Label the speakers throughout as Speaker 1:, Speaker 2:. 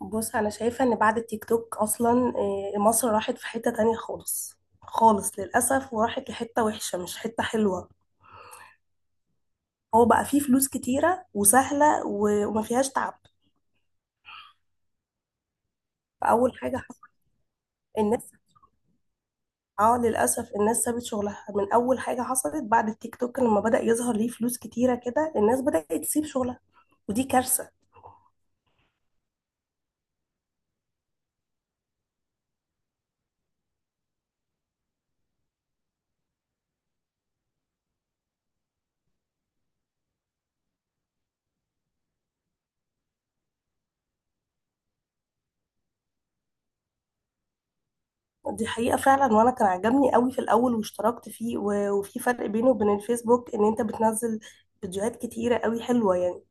Speaker 1: بص انا شايفه ان بعد التيك توك اصلا مصر راحت في حته تانية خالص للاسف وراحت لحته وحشه مش حته حلوه. هو بقى فيه فلوس كتيره وسهله و- وما فيهاش تعب. فاول حاجه حص- الناس، اه للاسف الناس سابت شغلها من اول حاجه حصلت بعد التيك توك. لما بدا يظهر ليه فلوس كتيره كده الناس بدات تسيب شغلها، ودي كارثه. دي حقيقه فعلا، وانا كان عجبني قوي في الاول واشتركت فيه، و- وفي فرق بينه وبين الفيسبوك ان انت بتنزل فيديوهات كتيره قوي حلوه يعني.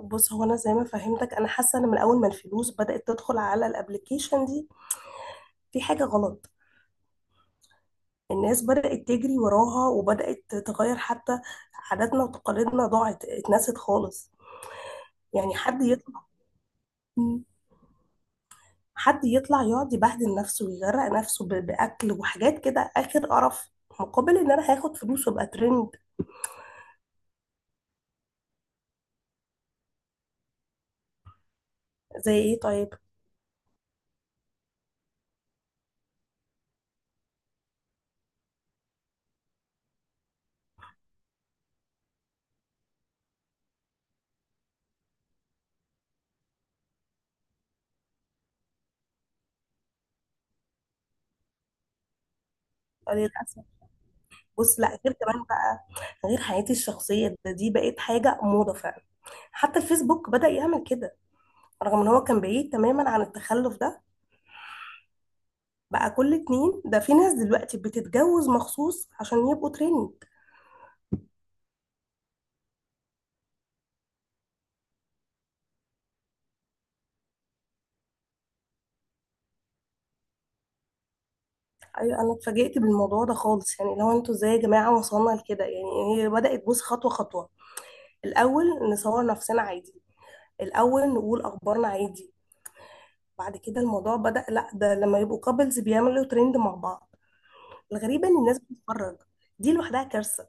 Speaker 1: بص، هو انا زي ما فهمتك انا حاسه ان من اول ما الفلوس بدات تدخل على الابليكيشن دي في حاجه غلط. الناس بدات تجري وراها وبدات تغير حتى عاداتنا وتقاليدنا، ضاعت اتنست خالص. يعني حد يطلع يقعد يبهدل نفسه ويغرق نفسه ب- باكل وحاجات كده اخر قرف، مقابل ان انا هاخد فلوس وابقى ترند. زي ايه طيب؟ للاسف. بص لا، غير كمان بقى غير حياتي الشخصيه ده، دي بقت حاجه موضه فعلا. حتى الفيسبوك بدا يعمل كده، رغم ان هو كان بعيد تماما عن التخلف ده. بقى كل اتنين ده في ناس دلوقتي بتتجوز مخصوص عشان يبقوا ترند. ايوه، انا اتفاجئت بالموضوع ده خالص. يعني لو انتوا ازاي يا جماعه وصلنا لكده؟ يعني هي بدات، بص، خطوه خطوه. الاول نصور نفسنا عادي، الاول نقول اخبارنا عادي، بعد كده الموضوع بدا، لا ده لما يبقوا كابلز بيعملوا ترند مع بعض. الغريبه ان الناس بتتفرج، دي لوحدها كارثه.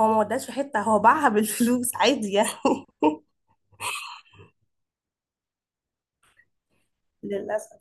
Speaker 1: هو ما وداش في حته، هو باعها بالفلوس عادي يعني. للاسف.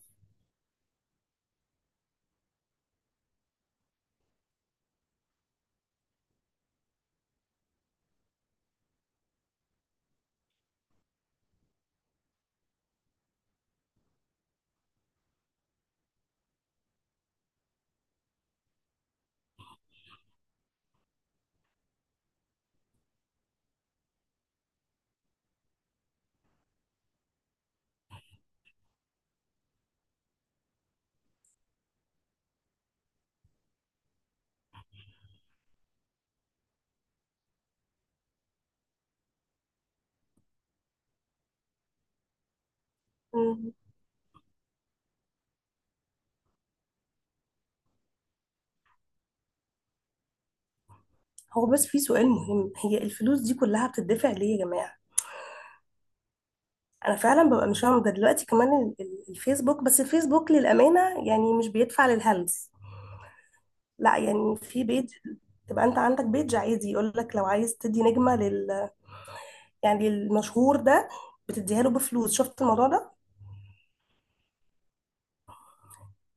Speaker 1: هو بس في سؤال مهم، هي الفلوس دي كلها بتدفع ليه يا جماعة؟ انا فعلا ببقى مش فاهمة. ده دلوقتي كمان ال- ال- الفيسبوك، بس الفيسبوك للأمانة يعني مش بيدفع للهلس. لا، يعني في بيج، تبقى انت عندك بيج عادي يقول لك لو عايز تدي نجمة لل، يعني المشهور ده بتديها له بفلوس. شفت الموضوع ده؟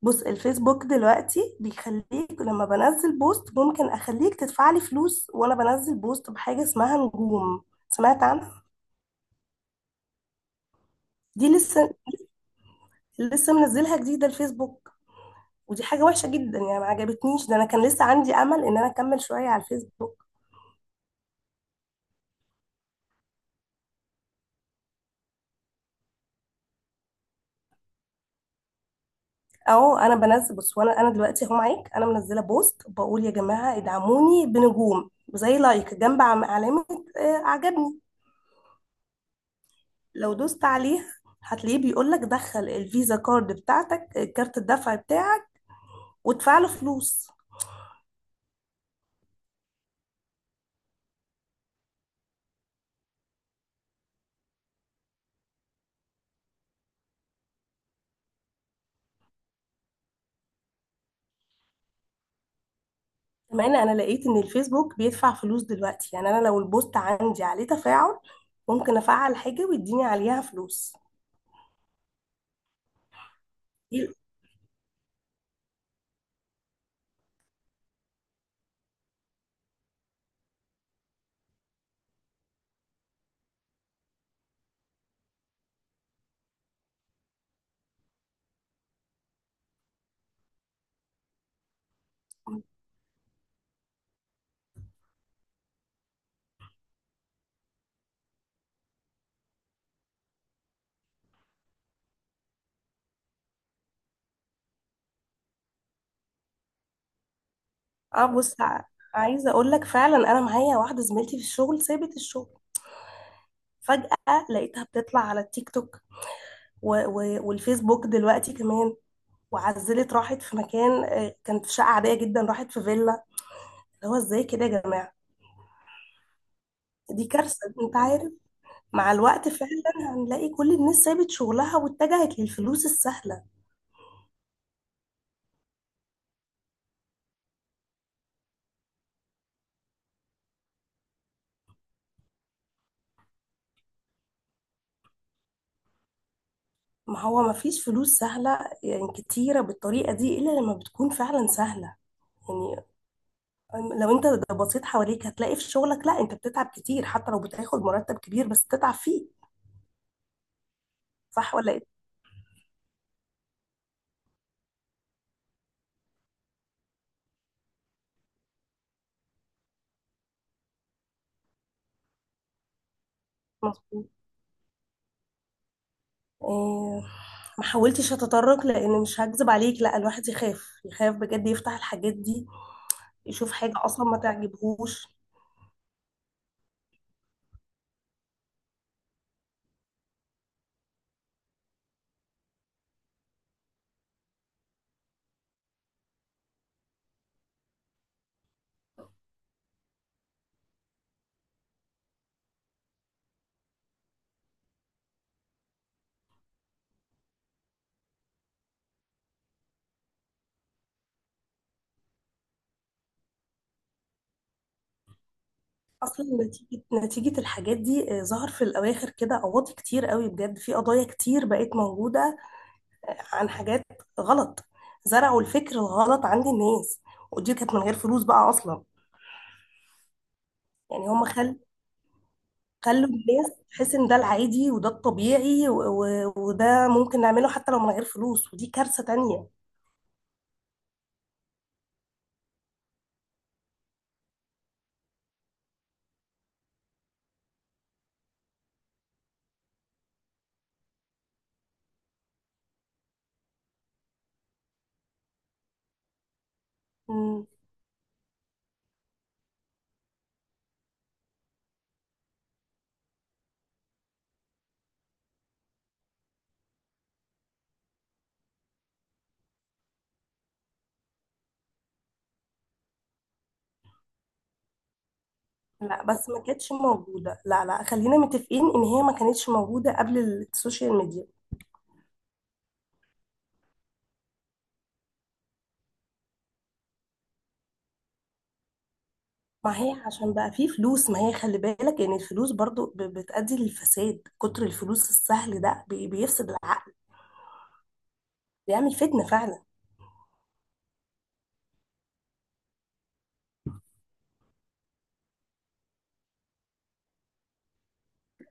Speaker 1: بص، الفيسبوك دلوقتي بيخليك لما بنزل بوست ممكن اخليك تدفع لي فلوس، وانا بنزل بوست بحاجة اسمها نجوم. سمعت عنها؟ دي لسه، لسه منزلها جديدة الفيسبوك، ودي حاجة وحشة جدا يعني، ما عجبتنيش ده. انا كان لسه عندي امل ان انا اكمل شوية على الفيسبوك. اهو انا بنزل، بص، وانا دلوقتي اهو معاك، انا منزلة بوست بقول يا جماعة ادعموني بنجوم زي لايك جنب علامة عجبني. لو دوست عليها هتلاقيه بيقول لك دخل الفيزا كارد بتاعتك، كارت الدفع بتاعك، وادفع له فلوس. كمان انا لقيت ان الفيسبوك بيدفع فلوس دلوقتي. يعني انا لو البوست عندي عليه تفاعل، ممكن افعل حاجة ويديني عليها فلوس. اه بص، عايزه اقول لك فعلا، انا معايا واحده زميلتي في الشغل سابت الشغل فجاه، لقيتها بتطلع على التيك توك و و والفيسبوك دلوقتي كمان، وعزلت راحت في مكان، كانت في شقه عاديه جدا راحت في فيلا. اللي هو ازاي كده يا جماعه؟ دي كارثه. انت عارف، مع الوقت فعلا هنلاقي كل الناس سابت شغلها واتجهت للفلوس السهله. ما هو ما فيش فلوس سهله يعني كتيره بالطريقه دي الا لما بتكون فعلا سهله. يعني لو انت بصيت حواليك هتلاقي في شغلك، لا انت بتتعب كتير حتى لو بتاخد مرتب كبير بس بتتعب فيه. صح ولا ايه؟ مظبوط. اه، ما حاولتش اتطرق، لان مش هكذب عليك، لا الواحد يخاف، يخاف بجد يفتح الحاجات دي، يشوف حاجة اصلا ما تعجبهوش. اصلا نتيجة الحاجات دي ظهر في الاواخر كده قواضي كتير قوي بجد، في قضايا كتير بقت موجودة اه، عن حاجات غلط. زرعوا الفكر الغلط عند الناس، ودي كانت من غير فلوس بقى اصلا. يعني هم خلوا خلوا الناس تحس ان ده العادي وده الطبيعي، و... و... وده ممكن نعمله حتى لو من غير فلوس، ودي كارثة تانية. مم. لا بس ما كانتش موجودة، لا لا، خلينا متفقين ان هي ما كانتش موجودة قبل السوشيال ميديا. ما هي عشان بقى فيه فلوس، ما هي خلي بالك ان الفلوس برضو ب- بتؤدي للفساد، كتر الفلوس السهل ده بي- بيفسد العقل، بيعمل فتنة فعلا.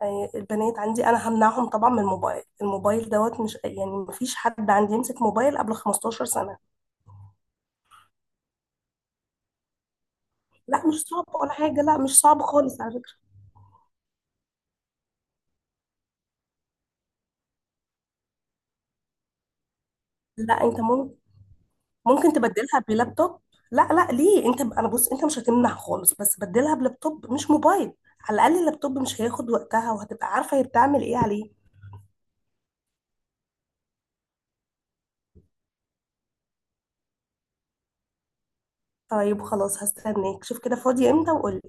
Speaker 1: يعني البنات عندي انا همنعهم طبعا من الموبايل، الموبايل دوت مش يعني، ما فيش حد عندي يمسك موبايل قبل 15 سنة. لا مش صعب ولا حاجة، لا مش صعب خالص على فكرة. لا انت ممكن، ممكن تبدلها بلابتوب. لا لا ليه انت، انا بص انت مش هتمنع خالص، بس بدلها بلابتوب مش موبايل، على الاقل اللابتوب مش هياخد وقتها وهتبقى عارفة هي بتعمل ايه عليه. طيب خلاص، هستناك، شوف كده فاضية امتى وقولي.